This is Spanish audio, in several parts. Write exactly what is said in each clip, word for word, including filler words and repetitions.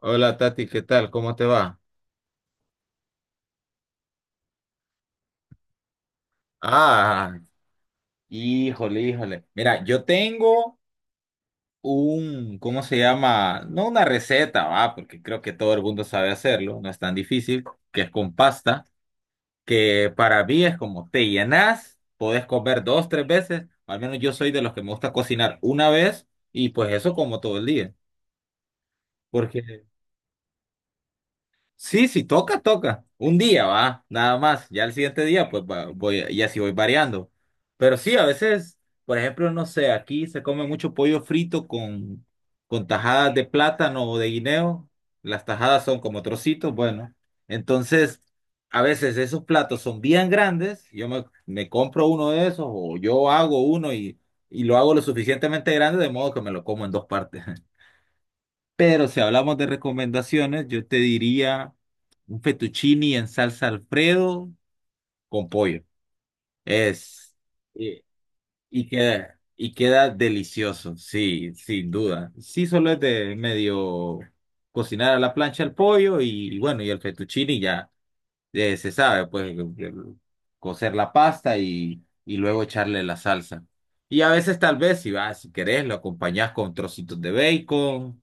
Hola Tati, ¿qué tal? ¿Cómo te va? Ah, híjole, híjole. Mira, yo tengo un, ¿cómo se llama? No una receta, va, porque creo que todo el mundo sabe hacerlo, no es tan difícil, que es con pasta, que para mí es como te llenas, podés comer dos, tres veces, al menos yo soy de los que me gusta cocinar una vez y pues eso como todo el día, porque Sí, sí, toca, toca. Un día va, nada más. Ya el siguiente día, pues va- voy, y así voy variando. Pero sí, a veces, por ejemplo, no sé, aquí se come mucho pollo frito con, con tajadas de plátano o de guineo. Las tajadas son como trocitos, bueno. Entonces, a veces esos platos son bien grandes. Yo me, me compro uno de esos o yo hago uno y, y lo hago lo suficientemente grande de modo que me lo como en dos partes. Pero si hablamos de recomendaciones, yo te diría un fettuccini en salsa Alfredo con pollo. Es y, y queda y queda delicioso, sí, sin duda. Sí, solo es de medio cocinar a la plancha el pollo y, y bueno, y el fettuccini ya eh, se sabe, pues el- el- cocer la pasta y, y luego echarle la salsa. Y a veces tal vez si vas, si querés, lo acompañás con trocitos de bacon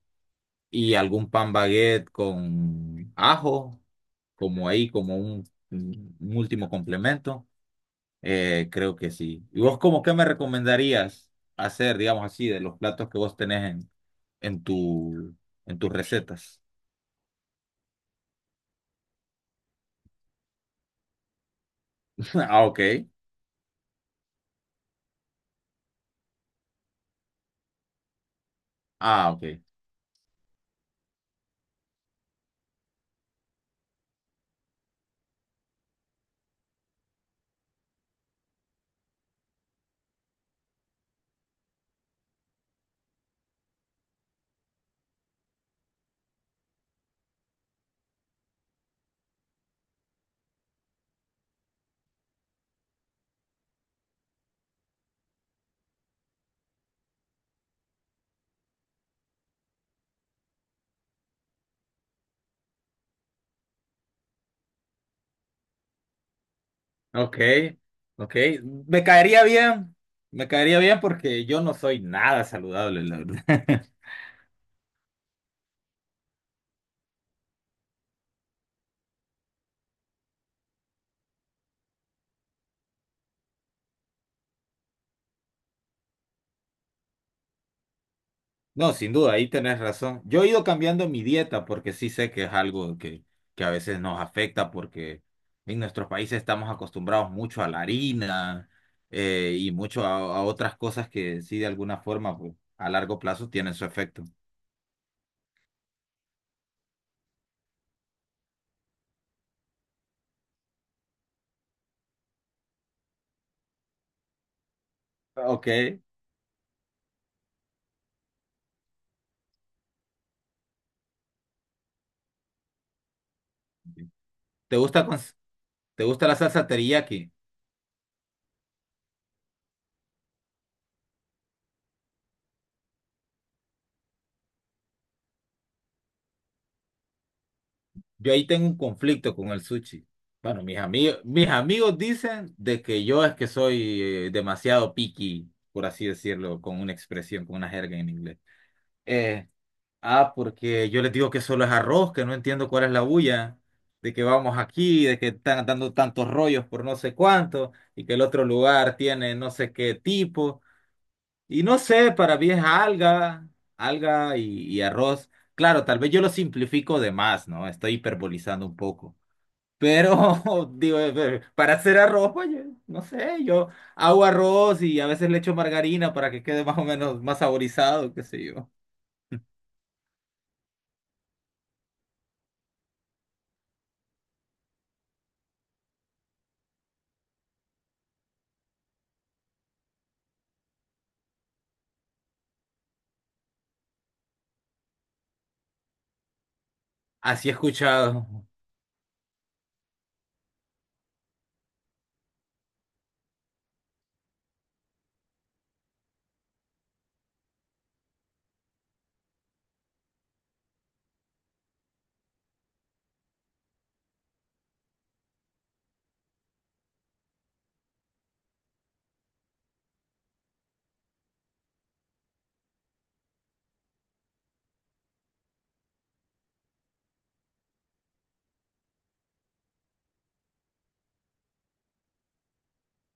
y algún pan baguette con ajo, como ahí, como un, un último complemento. Eh, creo que sí. ¿Y vos como qué me recomendarías hacer, digamos así, de los platos que vos tenés en, en tu, en tus recetas? Ah, ok. Ah, ok. Ok. Ok. Me caería bien. Me caería bien porque yo no soy nada saludable, la verdad. No, sin duda, ahí tenés razón. Yo he ido cambiando mi dieta porque sí sé que es algo que, que a veces nos afecta porque en nuestros países estamos acostumbrados mucho a la harina eh, y mucho a, a otras cosas que sí de alguna forma pues, a largo plazo tienen su efecto. Ok. ¿Te gusta, con- te gusta la salsa teriyaki? Yo ahí tengo un conflicto con el sushi. Bueno, mis amigos, mis amigos dicen de que yo es que soy eh, demasiado picky, por así decirlo, con una expresión, con una jerga en inglés. Eh, ah, porque yo les digo que solo es arroz, que no entiendo cuál es la bulla, de que vamos aquí, de que están dando tantos rollos por no sé cuánto, y que el otro lugar tiene no sé qué tipo, y no sé, para mí es alga, alga y, y arroz. Claro, tal vez yo lo simplifico de más, ¿no? Estoy hiperbolizando un poco. Pero, digo, eh, eh, para hacer arroz, oye, no sé, yo hago arroz y a veces le echo margarina para que quede más o menos más saborizado, qué sé yo. Mm. Así he escuchado,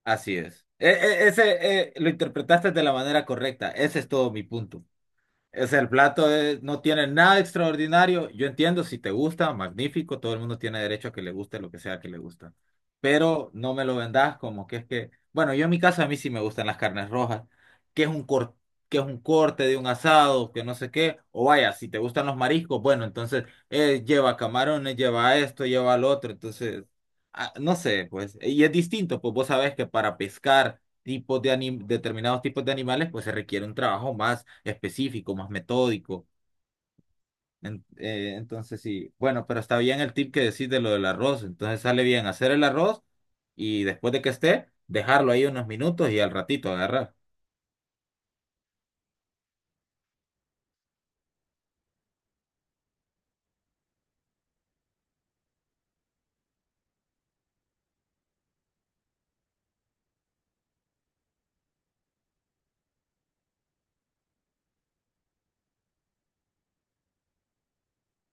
así es. E- e- ese eh, lo interpretaste de la manera correcta, ese es todo mi punto. Es el plato eh, no tiene nada extraordinario. Yo entiendo si te gusta, magnífico, todo el mundo tiene derecho a que le guste lo que sea que le gusta. Pero no me lo vendas como que es que, bueno, yo en mi casa a mí sí me gustan las carnes rojas, que es un cor- que es un corte de un asado, que no sé qué, o vaya, si te gustan los mariscos, bueno, entonces eh, lleva camarones, lleva esto, lleva lo otro, entonces ah, no sé, pues, y es distinto, pues vos sabés que para pescar tipos de anim- determinados tipos de animales, pues se requiere un trabajo más específico, más metódico. En- eh, entonces sí, bueno, pero está bien el tip que decís de lo del arroz. Entonces sale bien hacer el arroz y después de que esté, dejarlo ahí unos minutos y al ratito agarrar.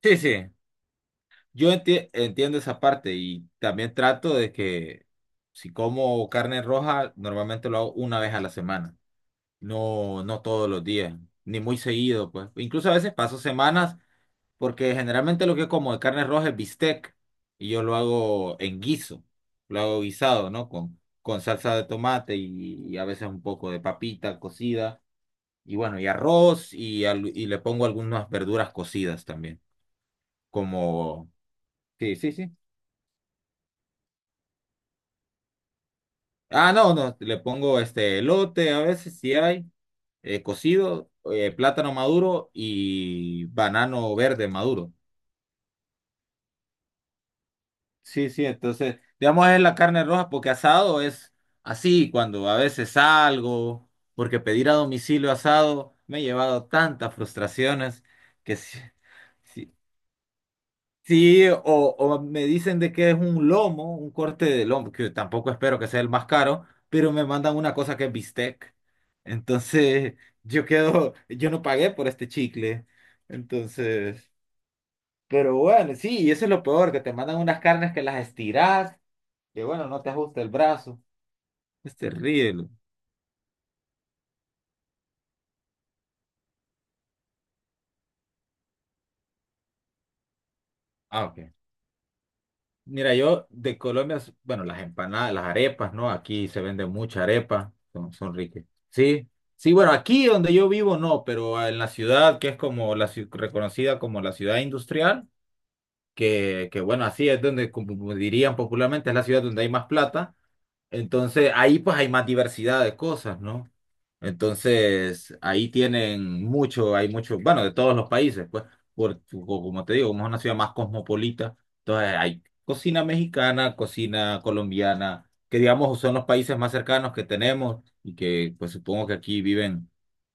Sí, sí, yo enti- entiendo esa parte y también trato de que si como carne roja, normalmente lo hago una vez a la semana, no, no todos los días, ni muy seguido, pues. Incluso a veces paso semanas Porque generalmente lo que como de carne roja es bistec y yo lo hago en guiso, lo hago guisado, ¿no? Con, con salsa de tomate y, y a veces un poco de papita cocida y bueno, y arroz y, al- y le pongo algunas verduras cocidas también, como... Sí, sí, sí. Ah, no, no, le pongo este elote a veces si hay, eh, cocido, eh, plátano maduro y banano verde maduro. Sí, sí, entonces, digamos es la carne roja porque asado es así cuando a veces salgo, porque pedir a domicilio asado me ha llevado tantas frustraciones que sí, sí, sí, o, o me dicen de que es un lomo, un corte de lomo, que tampoco espero que sea el más caro, pero me mandan una cosa que es bistec. Entonces, yo quedo, yo no pagué por este chicle. Entonces, pero bueno, sí, y eso es lo peor, que te mandan unas carnes que las estirás que bueno, no te ajusta el brazo. Es terrible. Ah, ok. Mira, yo de Colombia, s- bueno, las empanadas, las arepas, ¿no? Aquí se vende mucha arepa, son, son ricas. Sí, sí, bueno, aquí donde yo vivo no, pero en la ciudad, que es como la ciu- reconocida como la ciudad industrial, que, que bueno, así es donde, como dirían popularmente, es la ciudad donde hay más plata. Entonces, ahí pues hay más diversidad de cosas, ¿no? Entonces, ahí tienen mucho, hay mucho, bueno, de todos los países, pues, por, o como te digo, como es una ciudad más cosmopolita, entonces hay cocina mexicana, cocina colombiana, que digamos son los países más cercanos que tenemos y que pues supongo que aquí viven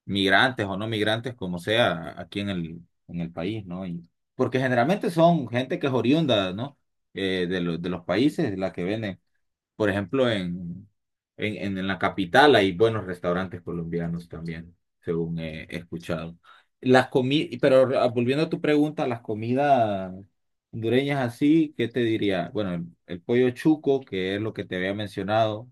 migrantes o no migrantes, como sea, aquí en el, en el país, ¿no? Y, porque generalmente son gente que es oriunda, ¿no? Eh, de, lo- de los países, la que venden por ejemplo, en, en, en- en la capital hay buenos restaurantes colombianos también, según he, he escuchado. Las comi pero ah, volviendo a tu pregunta, las comidas hondureñas así, ¿qué te diría? Bueno, el, el pollo chuco, que es lo que te había mencionado,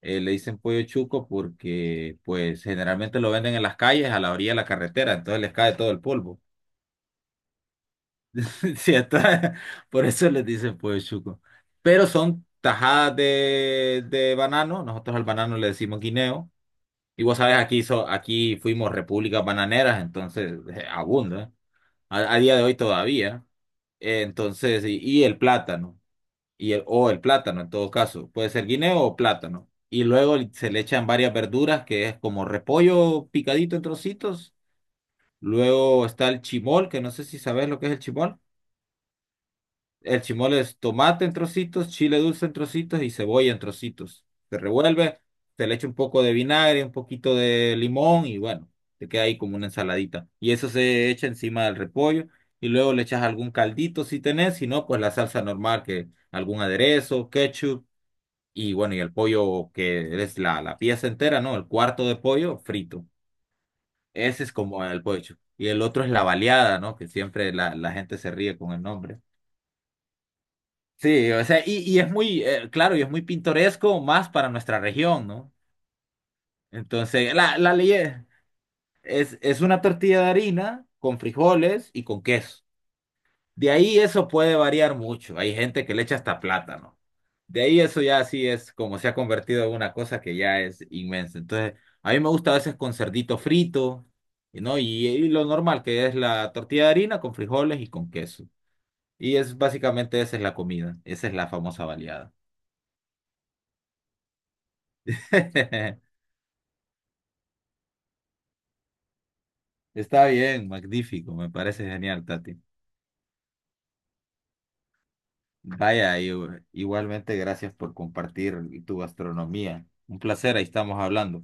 eh, le dicen pollo chuco porque pues generalmente lo venden en las calles, a la orilla de la carretera, entonces les cae todo el polvo. Sí, está- por eso les dicen pues chuco. Pero son tajadas de, de banano. Nosotros al banano le decimos guineo. Y vos sabés, aquí, so- aquí fuimos repúblicas bananeras, entonces eh, abunda. ¿Eh? A, a día de hoy todavía. Eh, entonces, y, y el plátano. Y el, o el plátano en todo caso. Puede ser guineo o plátano. Y luego se le echan varias verduras, que es como repollo picadito en trocitos. Luego está el chimol, que no sé si sabés lo que es el chimol. El chimole es tomate en trocitos, chile dulce en trocitos y cebolla en trocitos. Se revuelve, se le echa un poco de vinagre, un poquito de limón y bueno, te queda ahí como una ensaladita. Y eso se echa encima del repollo y luego le echas algún caldito si tenés, si no, pues la salsa normal, que algún aderezo, ketchup y bueno, y el pollo que es la, la pieza entera, ¿no? El cuarto de pollo frito. Ese es como el pollo. Y el otro es la baleada, ¿no? Que siempre la, la gente se ríe con el nombre. Sí, o sea, y, y es muy, eh, claro, y es muy pintoresco más para nuestra región, ¿no? Entonces, la, la ley es, es es una tortilla de harina con frijoles y con queso. De ahí eso puede variar mucho. Hay gente que le echa hasta plátano. De ahí eso ya sí es como se ha convertido en una cosa que ya es inmensa. Entonces, a mí me gusta a veces con cerdito frito, ¿no? Y, y lo normal que es la tortilla de harina con frijoles y con queso. Y es básicamente esa es la comida, esa es la famosa baleada. Está bien, magnífico, me parece genial, Tati. Vaya, y- igualmente gracias por compartir tu gastronomía. Un placer, ahí estamos hablando.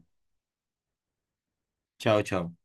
Chao, chao.